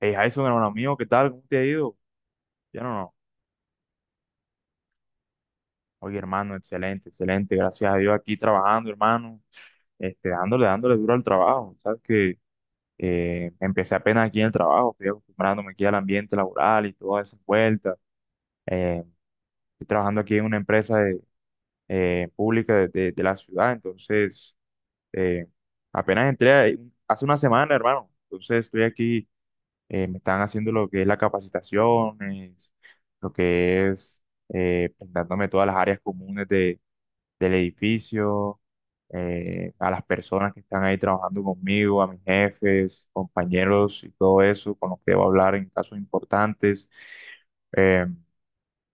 Hey, Jason, hermano amigo, ¿qué tal? ¿Cómo te ha ido? Ya no, no. Oye, hermano, excelente, excelente. Gracias a Dios aquí trabajando, hermano. Dándole duro al trabajo. Sabes que empecé apenas aquí en el trabajo, estoy acostumbrándome aquí al ambiente laboral y todas esas vueltas. Eh, estoy trabajando aquí en una empresa pública de la ciudad, entonces eh, apenas entré ahí hace una semana, hermano. Entonces estoy aquí me están haciendo lo que es las capacitaciones, lo que es pintándome todas las áreas comunes de, del edificio, a las personas que están ahí trabajando conmigo, a mis jefes, compañeros y todo eso, con los que debo hablar en casos importantes. Eh,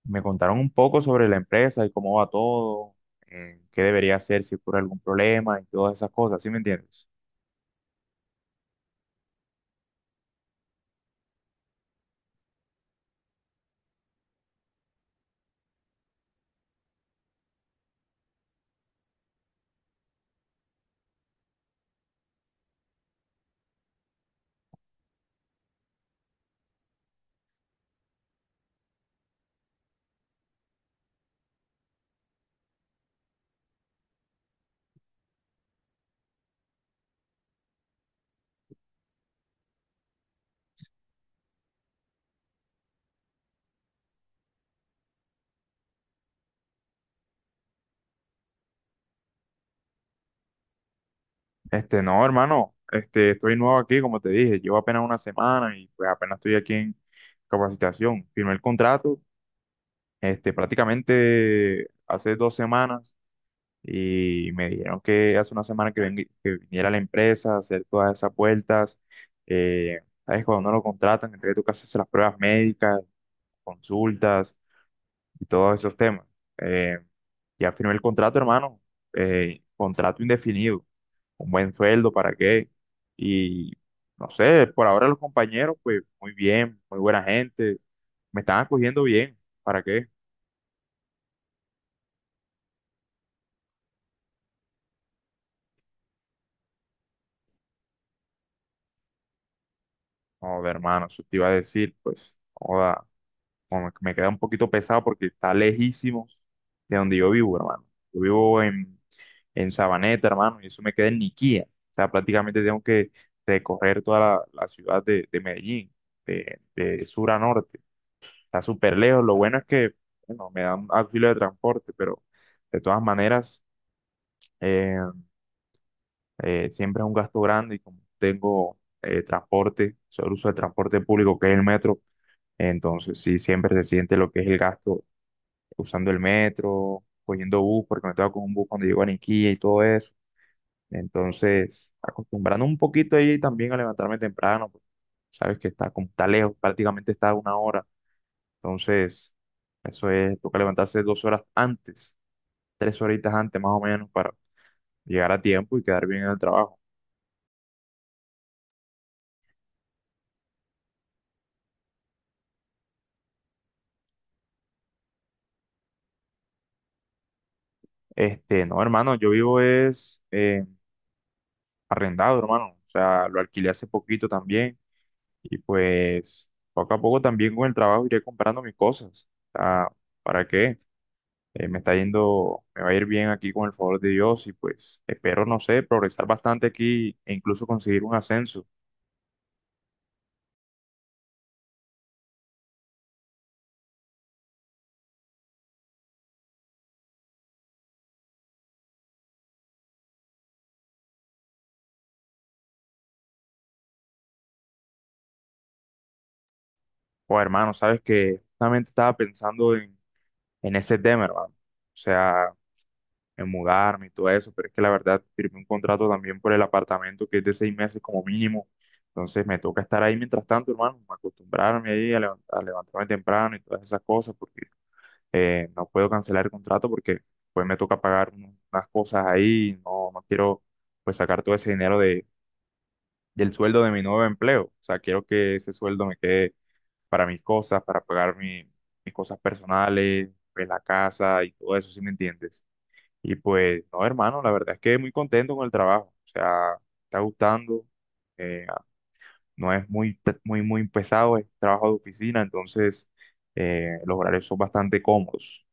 me contaron un poco sobre la empresa y cómo va todo, qué debería hacer si ocurre algún problema y todas esas cosas, ¿sí me entiendes? No, hermano, estoy nuevo aquí, como te dije, llevo apenas una semana y pues apenas estoy aquí en capacitación. Firmé el contrato, prácticamente hace dos semanas y me dijeron que hace una semana que, que viniera a la empresa a hacer todas esas vueltas. Eh, sabes, cuando no lo contratan, entre tú que haces las pruebas médicas, consultas, y todos esos temas. Eh, ya firmé el contrato, hermano. Contrato indefinido. Un buen sueldo, ¿para qué? Y no sé, por ahora los compañeros, pues muy bien, muy buena gente. Me están acogiendo bien, ¿para qué? Joder, hermano, eso te iba a decir, pues, joda, como que me queda un poquito pesado porque está lejísimos de donde yo vivo, hermano. Yo vivo en Sabaneta, hermano, y eso me queda en Niquía. O sea, prácticamente tengo que recorrer toda la ciudad de Medellín, de sur a norte. Está súper lejos. Lo bueno es que, bueno, me dan auxilio de transporte, pero de todas maneras, eh, siempre es un gasto grande y como tengo transporte, solo uso el transporte público que es el metro, entonces sí, siempre se siente lo que es el gasto usando el metro, cogiendo bus, porque me estaba con un bus cuando llego a Niquilla y todo eso. Entonces, acostumbrando un poquito ahí también a levantarme temprano, porque sabes que está, como está lejos, prácticamente está a una hora. Entonces, eso es, toca levantarse dos horas antes, tres horitas antes más o menos, para llegar a tiempo y quedar bien en el trabajo. No, hermano, yo vivo es arrendado, hermano. O sea, lo alquilé hace poquito también. Y pues poco a poco también con el trabajo iré comprando mis cosas. Ah, ¿para qué? Me está yendo, me va a ir bien aquí con el favor de Dios y pues espero, no sé, progresar bastante aquí e incluso conseguir un ascenso. O hermano, sabes que justamente estaba pensando en ese tema, hermano. O sea, en mudarme y todo eso, pero es que la verdad firmé un contrato también por el apartamento que es de seis meses como mínimo. Entonces me toca estar ahí mientras tanto, hermano, acostumbrarme ahí a, a levantarme temprano y todas esas cosas, porque no puedo cancelar el contrato porque pues me toca pagar unas cosas ahí, no, no quiero pues sacar todo ese dinero de, del sueldo de mi nuevo empleo, o sea, quiero que ese sueldo me quede para mis cosas, para pagar mis cosas personales, pues la casa y todo eso, ¿si me entiendes? Y pues, no, hermano, la verdad es que muy contento con el trabajo, o sea, me está gustando, eh, no es muy, muy, muy pesado, es trabajo de oficina, entonces los horarios son bastante cómodos.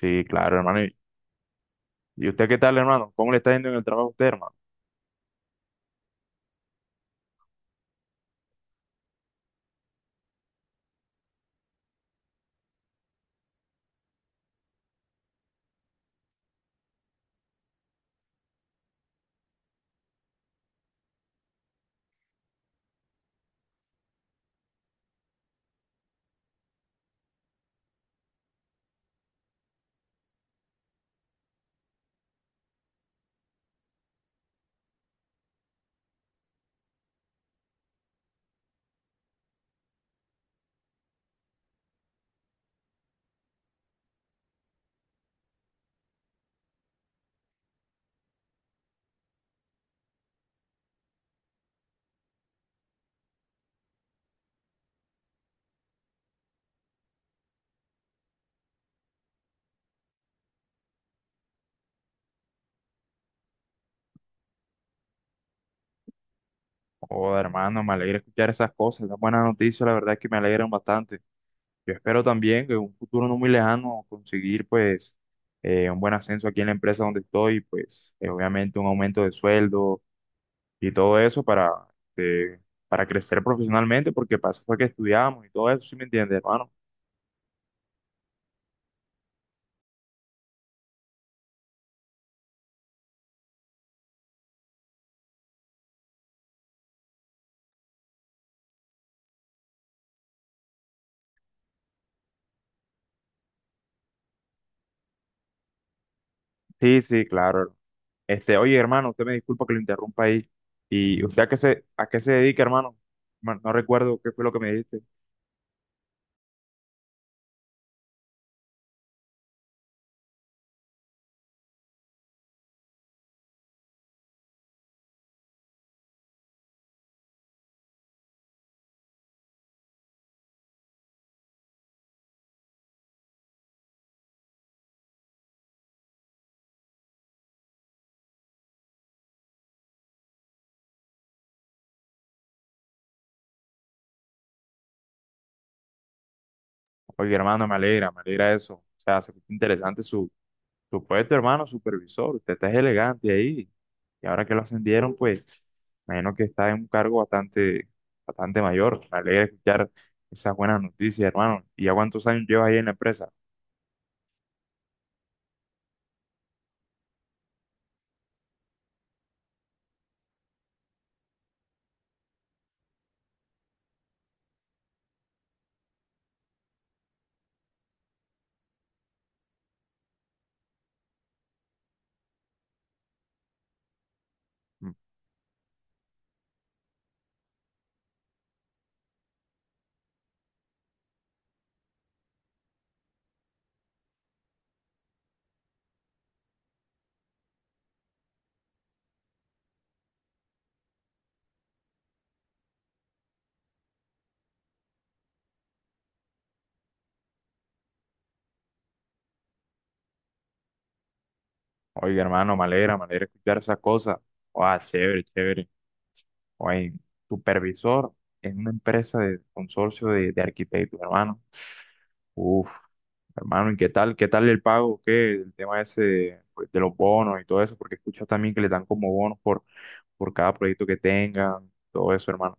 Sí, claro, hermano. ¿Y usted qué tal, hermano? ¿Cómo le está yendo en el trabajo a usted, hermano? Oh, hermano, me alegra escuchar esas cosas, esas buenas noticias, la verdad es que me alegran bastante. Yo espero también que en un futuro no muy lejano conseguir, pues, un buen ascenso aquí en la empresa donde estoy, pues, obviamente un aumento de sueldo y todo eso eh, para crecer profesionalmente, porque para fue que estudiamos y todo eso, ¿sí me entiende, hermano? Sí, sí, claro. Oye, hermano, usted me disculpa que lo interrumpa ahí. ¿Y usted a qué se dedica, hermano? No, no recuerdo qué fue lo que me dijiste. Oye, hermano, me alegra eso. O sea, se escucha interesante su, su puesto, hermano, supervisor. Usted está elegante ahí. Y ahora que lo ascendieron, pues, me imagino que está en un cargo bastante, bastante mayor. Me alegra escuchar esas buenas noticias, hermano. ¿Y ya cuántos años llevas ahí en la empresa? Mm. Oye, hermano, me alegra escuchar esas cosas. Ah, chévere, chévere. Oye, supervisor en una empresa de consorcio de arquitectos, hermano. Uf, hermano, ¿y qué tal? ¿Qué tal el pago? ¿Qué? El tema ese pues, de los bonos y todo eso, porque escucho también que le dan como bonos por cada proyecto que tengan, todo eso, hermano.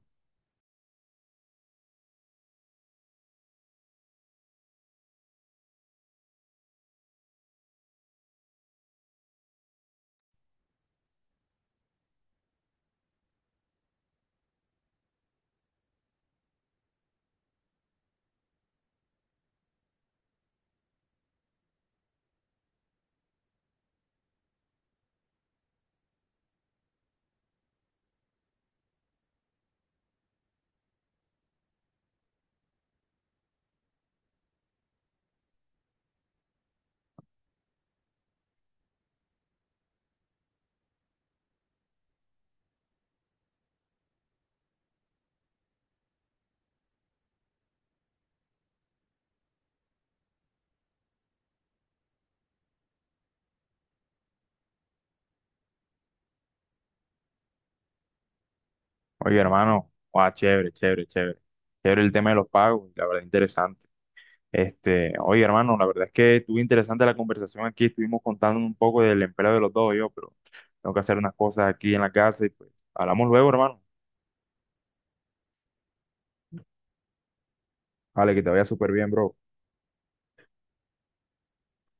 Oye, hermano, guau, chévere, chévere, chévere. Chévere el tema de los pagos, la verdad, interesante. Oye, hermano, la verdad es que estuvo interesante la conversación aquí, estuvimos contando un poco del empleo de los dos, yo, pero tengo que hacer unas cosas aquí en la casa y pues hablamos luego, hermano. Vale, que te vaya súper bien, bro.